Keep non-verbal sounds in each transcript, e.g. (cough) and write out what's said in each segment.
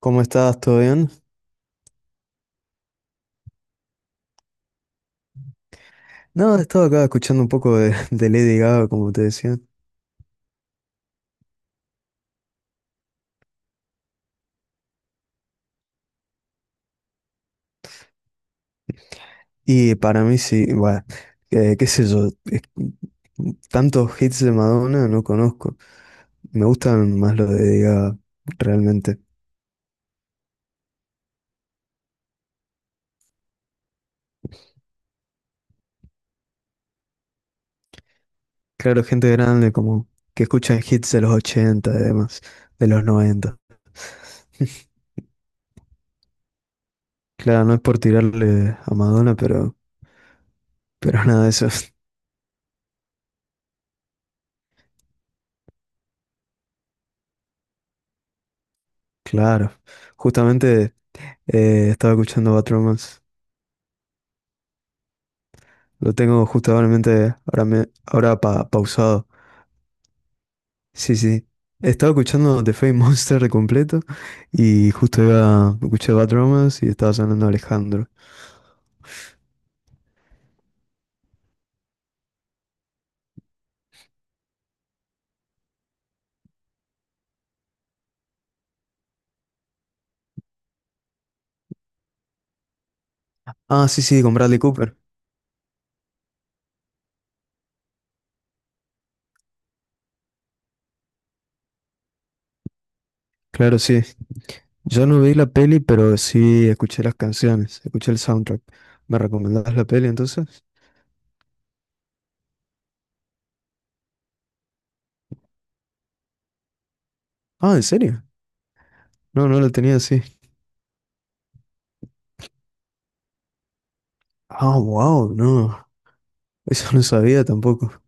¿Cómo estás? ¿Todo bien? No, estaba acá escuchando un poco (laughs) de Lady Gaga, como te decía. Y para mí sí, bueno, qué sé yo, tantos hits de Madonna no conozco. Me gustan más los de Lady Gaga, realmente. Claro, gente grande como que escucha hits de los 80, y demás, de los 90. (laughs) Claro, no es por tirarle a Madonna, pero nada de eso. (laughs) Claro, justamente estaba escuchando Bad Romance. Lo tengo justamente ahora, ahora pausado. Sí, sí. Estaba escuchando The Fame Monster de completo y justo iba, escuché Bad Romance y estaba sonando Alejandro. Ah, sí, sí, con Bradley Cooper. Claro, sí. Yo no vi la peli, pero sí escuché las canciones, escuché el soundtrack. ¿Me recomendás la peli entonces? Ah, ¿en serio? No, no lo tenía así. Ah, wow, no. Eso no sabía tampoco.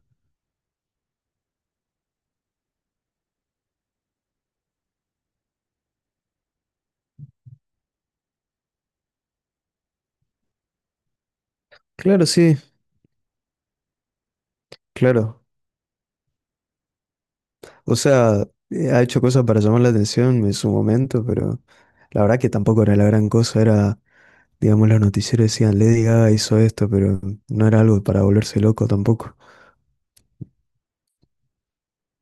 Claro, sí, claro. O sea, ha hecho cosas para llamar la atención en su momento, pero. La verdad que tampoco era la gran cosa, era, digamos, los noticieros decían, Lady Gaga hizo esto, pero no era algo para volverse loco tampoco.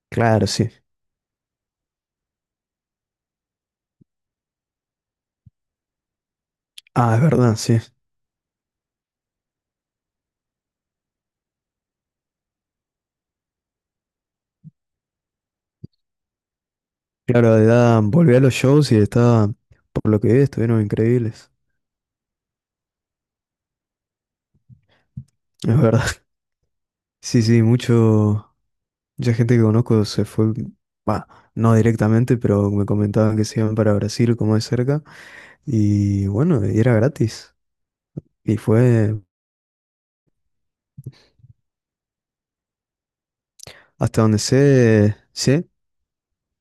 Claro, sí. Ah, es verdad, sí. Claro, de edad volví a los shows y estaba, por lo que vi, estuvieron increíbles. Es verdad. (laughs) Sí, sí, mucho, mucha gente que conozco se fue, bah, no directamente, pero me comentaban que se iban para Brasil, como de cerca, y bueno, y era gratis. Y fue hasta donde sé, sí.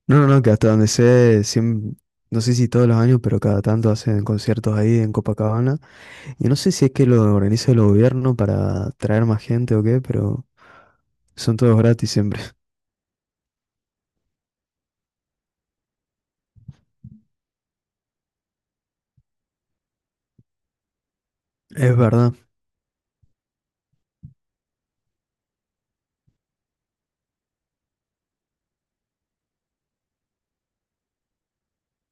No, no, no, que hasta donde sé, no sé si todos los años, pero cada tanto hacen conciertos ahí en Copacabana. Y no sé si es que lo organiza el gobierno para traer más gente o qué, pero son todos gratis siempre. (laughs) Es verdad,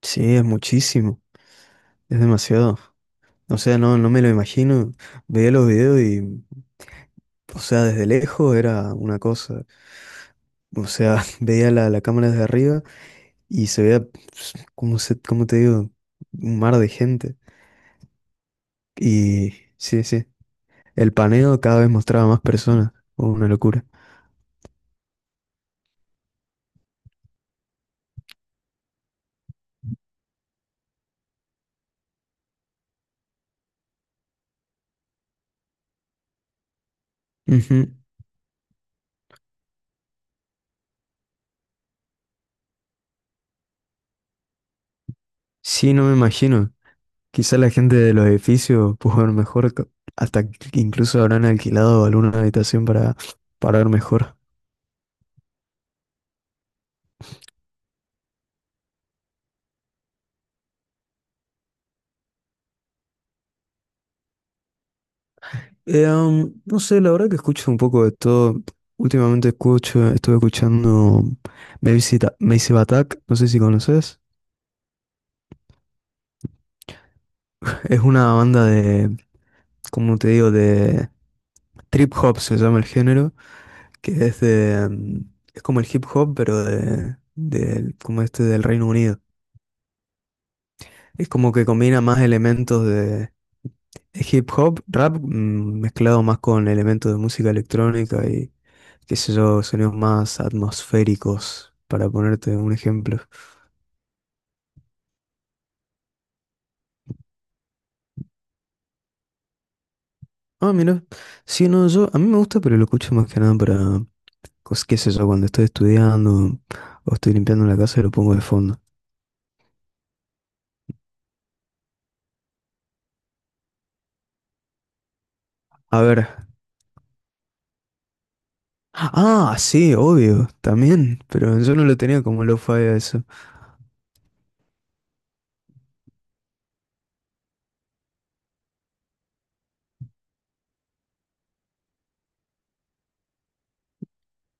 sí, es muchísimo, es demasiado. O sea, no, no me lo imagino. Veía los videos y, o sea, desde lejos era una cosa. O sea, (laughs) veía la cámara desde arriba y se veía, pues, ¿cómo te digo? Un mar de gente. Y sí, sí. El paneo cada vez mostraba más personas. Oh, una locura. Ujú. Sí, no me imagino. Quizá la gente de los edificios pudo ver mejor, hasta que incluso habrán alquilado alguna habitación para ver mejor. No sé, la verdad que escucho un poco de todo. Últimamente escucho, estuve escuchando Massive Attack, no sé si conoces. Es una banda de, como te digo, de trip hop se llama el género, que es de, es como el hip hop, pero como este del Reino Unido. Es como que combina más elementos de hip hop, rap, mezclado más con elementos de música electrónica y qué sé yo, sonidos más atmosféricos, para ponerte un ejemplo. Ah, mira, sí, no, yo, a mí me gusta, pero lo escucho más que nada para, qué sé yo, cuando estoy estudiando o estoy limpiando la casa y lo pongo de fondo. A ver. Ah, sí, obvio, también, pero yo no lo tenía como lo-fi a eso.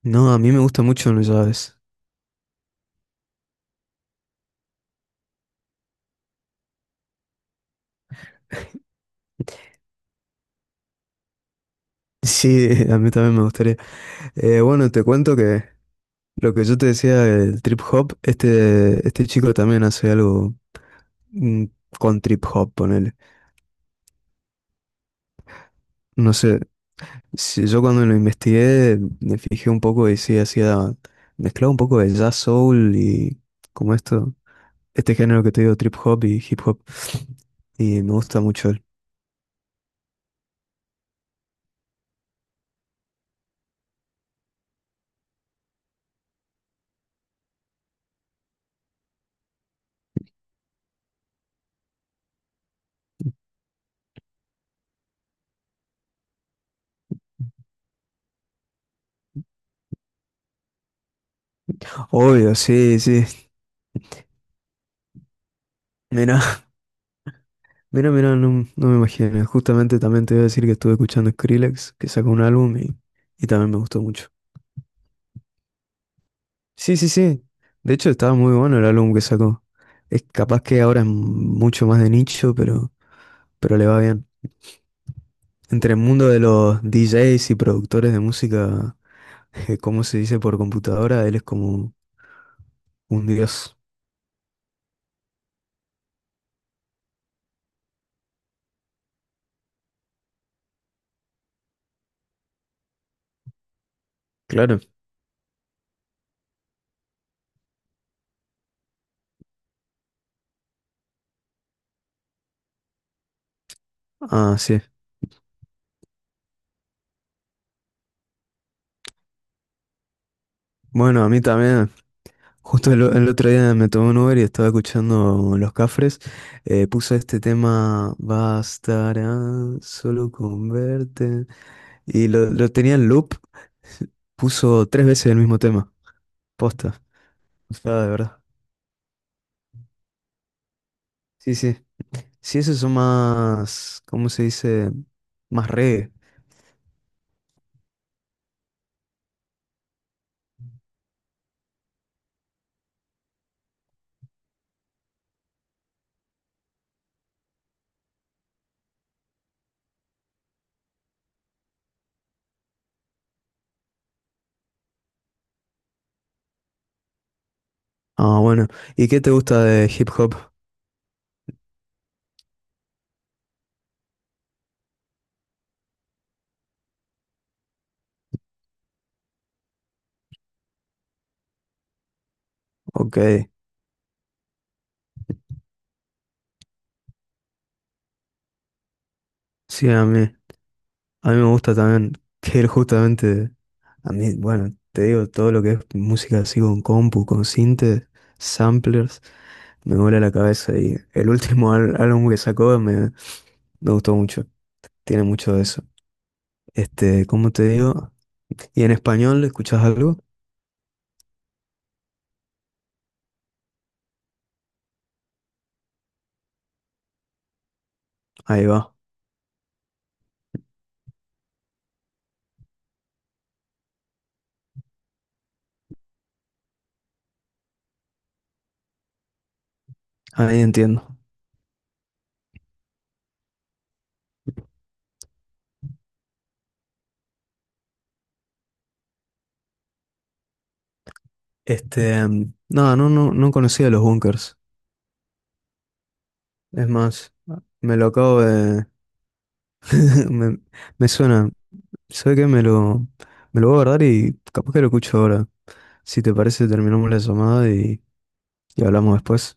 No, a mí me gusta mucho, no sabes. Sí, (laughs) a mí también me gustaría. Bueno, te cuento que lo que yo te decía del trip hop, este chico también hace algo mm, con trip hop, ponele. No sé, si yo cuando lo investigué me fijé un poco y sí, hacía, mezclaba un poco de jazz soul y como esto, este género que te digo, trip hop y hip hop. Y me gusta mucho él. Obvio, sí, sí. Mira, (laughs) mira, mira, no, no me imagino. Justamente también te iba a decir que estuve escuchando Skrillex, que sacó un álbum y también me gustó mucho. Sí, sí, sí. De hecho, estaba muy bueno el álbum que sacó. Es capaz que ahora es mucho más de nicho, pero, le va bien. Entre el mundo de los DJs y productores de música, (laughs) como se dice por computadora, él es como un dios. Claro. Ah, sí. Bueno, a mí también. Justo el otro día me tomé un Uber y estaba escuchando Los Cafres. Puso este tema, bastará solo con verte. Y lo tenía en loop. Puso tres veces el mismo tema. Posta. O de verdad. Sí, sí. Sí, esos son más, ¿cómo se dice? Más reggae. Ah, bueno. ¿Y qué te gusta de hip hop? Ok. Sí, a mí. A mí me gusta también que él justamente, a mí, bueno, te digo, todo lo que es música así con compu, con sintes, samplers, me vuela la cabeza y el (laughs) último álbum que sacó me gustó mucho, tiene mucho de eso. Este, ¿cómo te digo? ¿Y en español escuchás algo? Ahí va, ahí entiendo. Este, no, no, no, no conocía los Bunkers, es más, me lo acabo de, (laughs) me, me suena, sé que me lo voy a guardar y capaz que lo escucho ahora. Si te parece, terminamos la llamada y hablamos después.